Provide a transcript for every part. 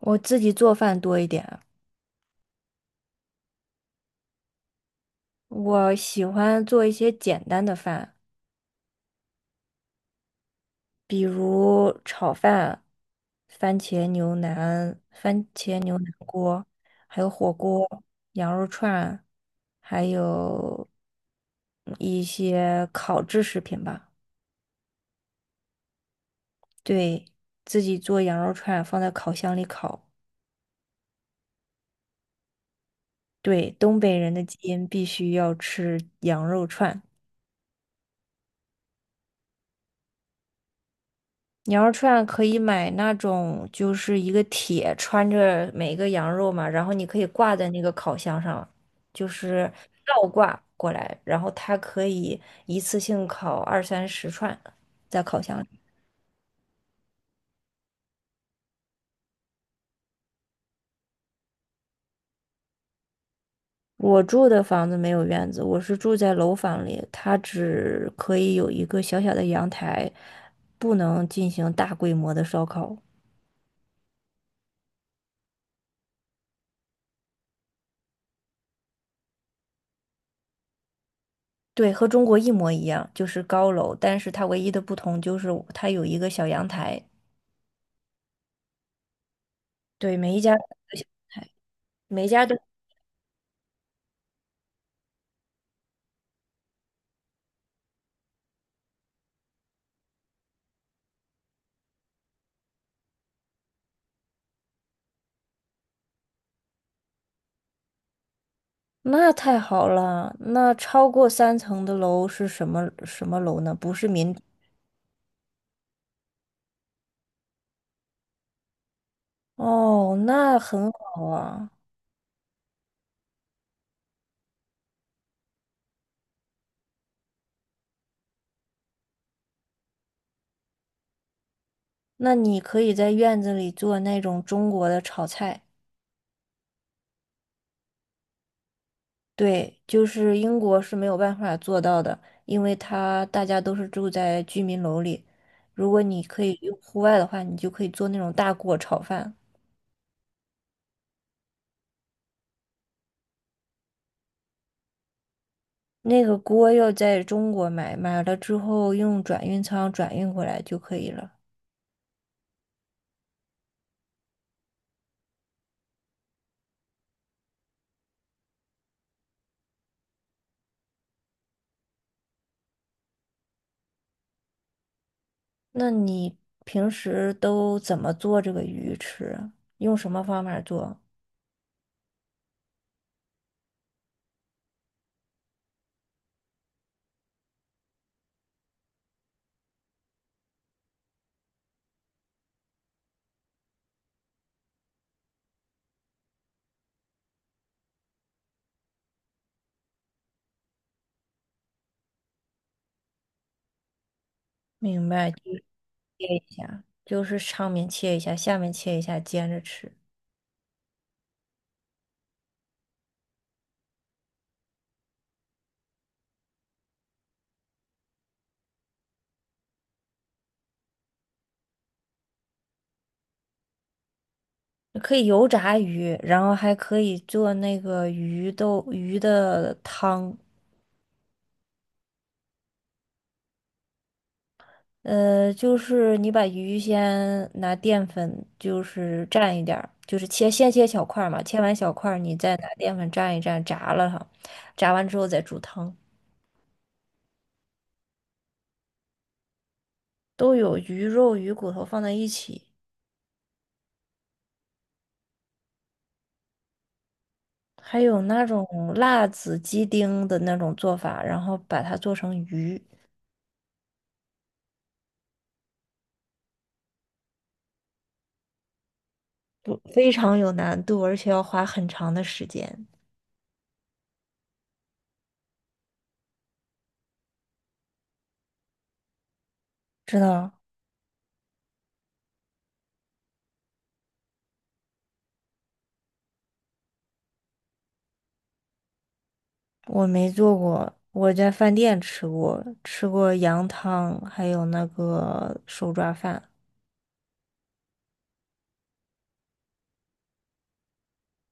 我自己做饭多一点，我喜欢做一些简单的饭，比如炒饭、番茄牛腩、番茄牛腩锅，还有火锅、羊肉串，还有一些烤制食品吧。对，自己做羊肉串，放在烤箱里烤。对，东北人的基因必须要吃羊肉串。羊肉串可以买那种，就是一个铁穿着每一个羊肉嘛，然后你可以挂在那个烤箱上，就是倒挂过来，然后它可以一次性烤二三十串在烤箱里。我住的房子没有院子，我是住在楼房里，它只可以有一个小小的阳台，不能进行大规模的烧烤。对，和中国一模一样，就是高楼，但是它唯一的不同就是它有一个小阳台，对，每一家每一家都，那太好了。那超过3层的楼是什么什么楼呢？不是民。哦，那很好啊。那你可以在院子里做那种中国的炒菜，对，就是英国是没有办法做到的，因为它大家都是住在居民楼里。如果你可以用户外的话，你就可以做那种大锅炒饭。那个锅要在中国买，买了之后用转运仓转运过来就可以了。那你平时都怎么做这个鱼吃啊用什么方法做？明白，切一下，就是上面切一下，下面切一下，煎着吃。可以油炸鱼，然后还可以做那个鱼豆鱼的汤。就是你把鱼先拿淀粉，就是蘸一点儿，就是切先切小块儿嘛，切完小块儿你再拿淀粉蘸一蘸，炸了它，炸完之后再煮汤。都有鱼肉、鱼骨头放在一起。还有那种辣子鸡丁的那种做法，然后把它做成鱼，不，非常有难度，而且要花很长的时间。知道，我没做过，我在饭店吃过，吃过羊汤，还有那个手抓饭。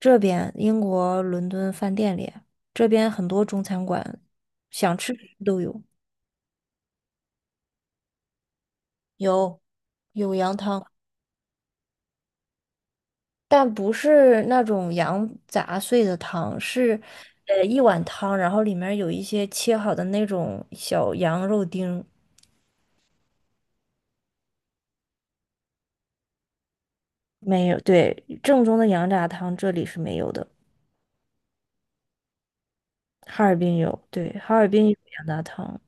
这边英国伦敦饭店里，这边很多中餐馆，想吃什么都有，有有羊汤，但不是那种羊杂碎的汤，是一碗汤，然后里面有一些切好的那种小羊肉丁。没有，对，正宗的羊杂汤这里是没有的，哈尔滨有，对，哈尔滨有羊杂汤。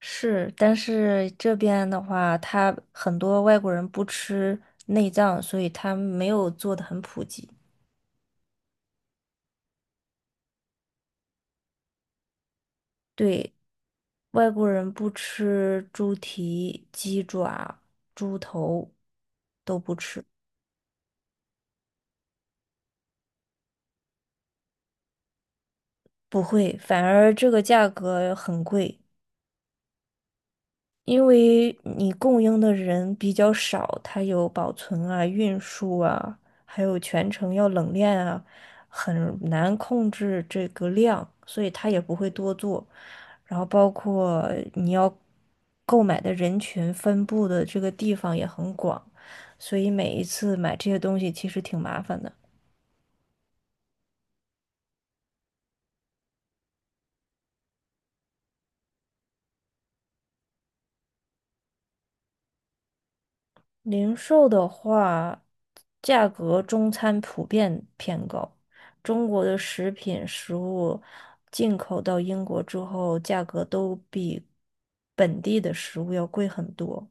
是，但是这边的话，他很多外国人不吃内脏，所以他没有做的很普及。对，外国人不吃猪蹄、鸡爪、猪头都不吃。不会，反而这个价格很贵，因为你供应的人比较少，它有保存啊、运输啊，还有全程要冷链啊，很难控制这个量，所以它也不会多做。然后包括你要购买的人群分布的这个地方也很广，所以每一次买这些东西其实挺麻烦的。零售的话，价格中餐普遍偏高。中国的食品食物进口到英国之后，价格都比本地的食物要贵很多。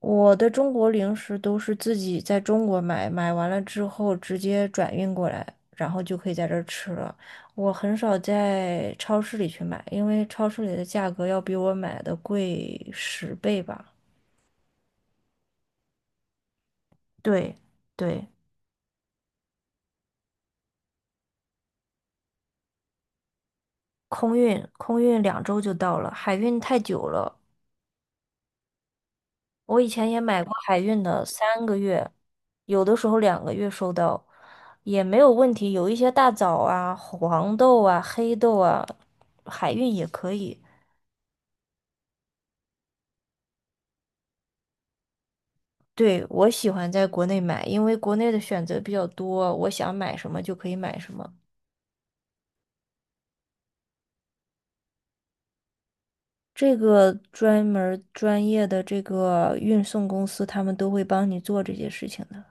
我的中国零食都是自己在中国买，买完了之后直接转运过来，然后就可以在这儿吃了。我很少在超市里去买，因为超市里的价格要比我买的贵10倍吧。对，对。空运，空运2周就到了，海运太久了。我以前也买过海运的，3个月，有的时候2个月收到，也没有问题。有一些大枣啊、黄豆啊、黑豆啊，海运也可以。对，我喜欢在国内买，因为国内的选择比较多，我想买什么就可以买什么。这个专门儿专业的这个运送公司，他们都会帮你做这些事情的。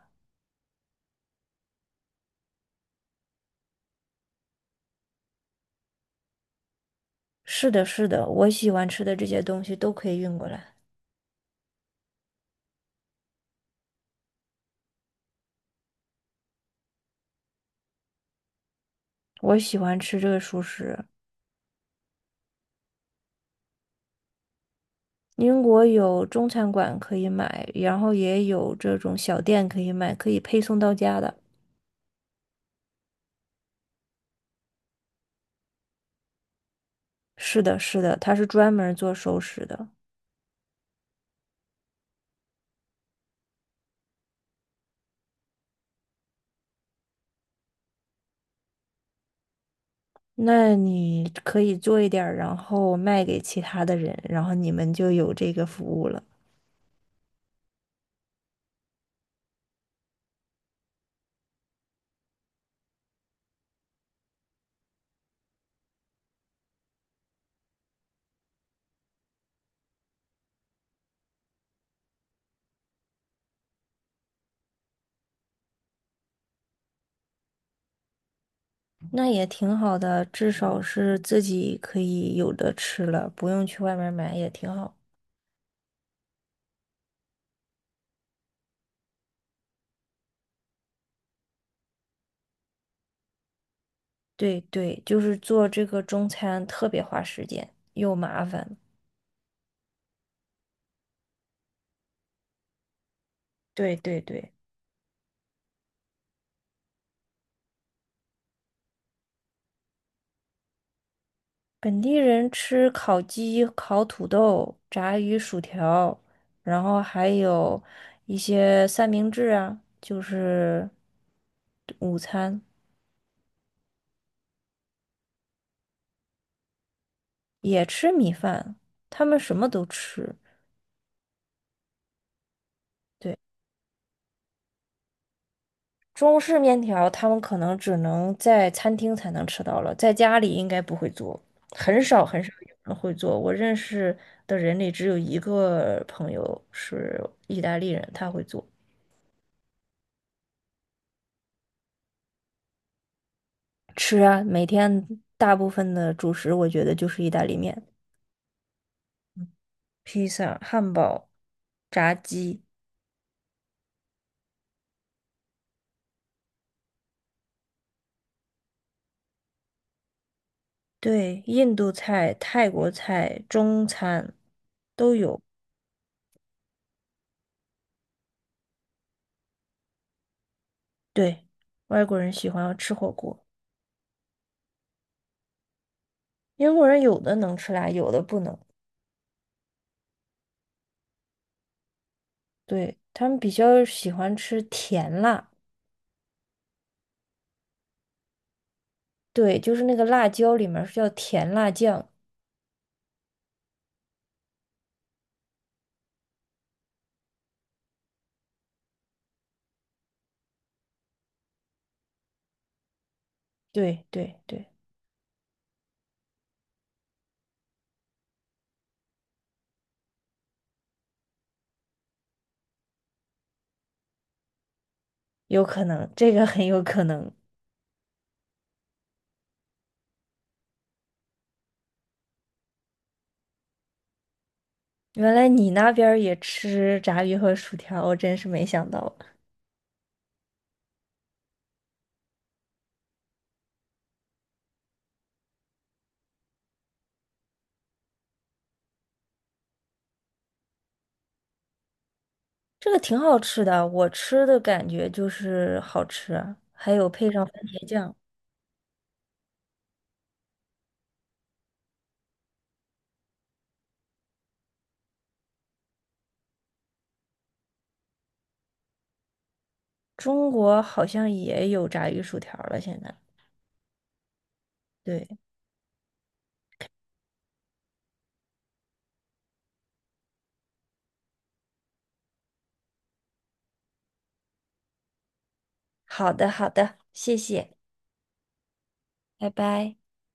是的，是的，我喜欢吃的这些东西都可以运过来。我喜欢吃这个熟食。英国有中餐馆可以买，然后也有这种小店可以买，可以配送到家的。是的，是的，它是专门做熟食的。那你可以做一点儿，然后卖给其他的人，然后你们就有这个服务了。那也挺好的，至少是自己可以有的吃了，不用去外面买，也挺好。对对，就是做这个中餐特别花时间，又麻烦。对对对。本地人吃烤鸡、烤土豆、炸鱼薯条，然后还有一些三明治啊，就是午餐也吃米饭，他们什么都吃。对，中式面条他们可能只能在餐厅才能吃到了，在家里应该不会做，很少很少有人会做。我认识的人里只有一个朋友是意大利人，他会做。吃啊，每天大部分的主食我觉得就是意大利面、披萨、汉堡、炸鸡，对，印度菜、泰国菜、中餐都有。对，外国人喜欢吃火锅，英国人有的能吃辣，有的不能。对，他们比较喜欢吃甜辣，对，就是那个辣椒里面是叫甜辣酱。对对对，有可能，这个很有可能。原来你那边儿也吃炸鱼和薯条，我真是没想到，这个挺好吃的。我吃的感觉就是好吃啊，还有配上番茄酱。中国好像也有炸鱼薯条了，现在。对，好的，好的，谢谢，拜拜。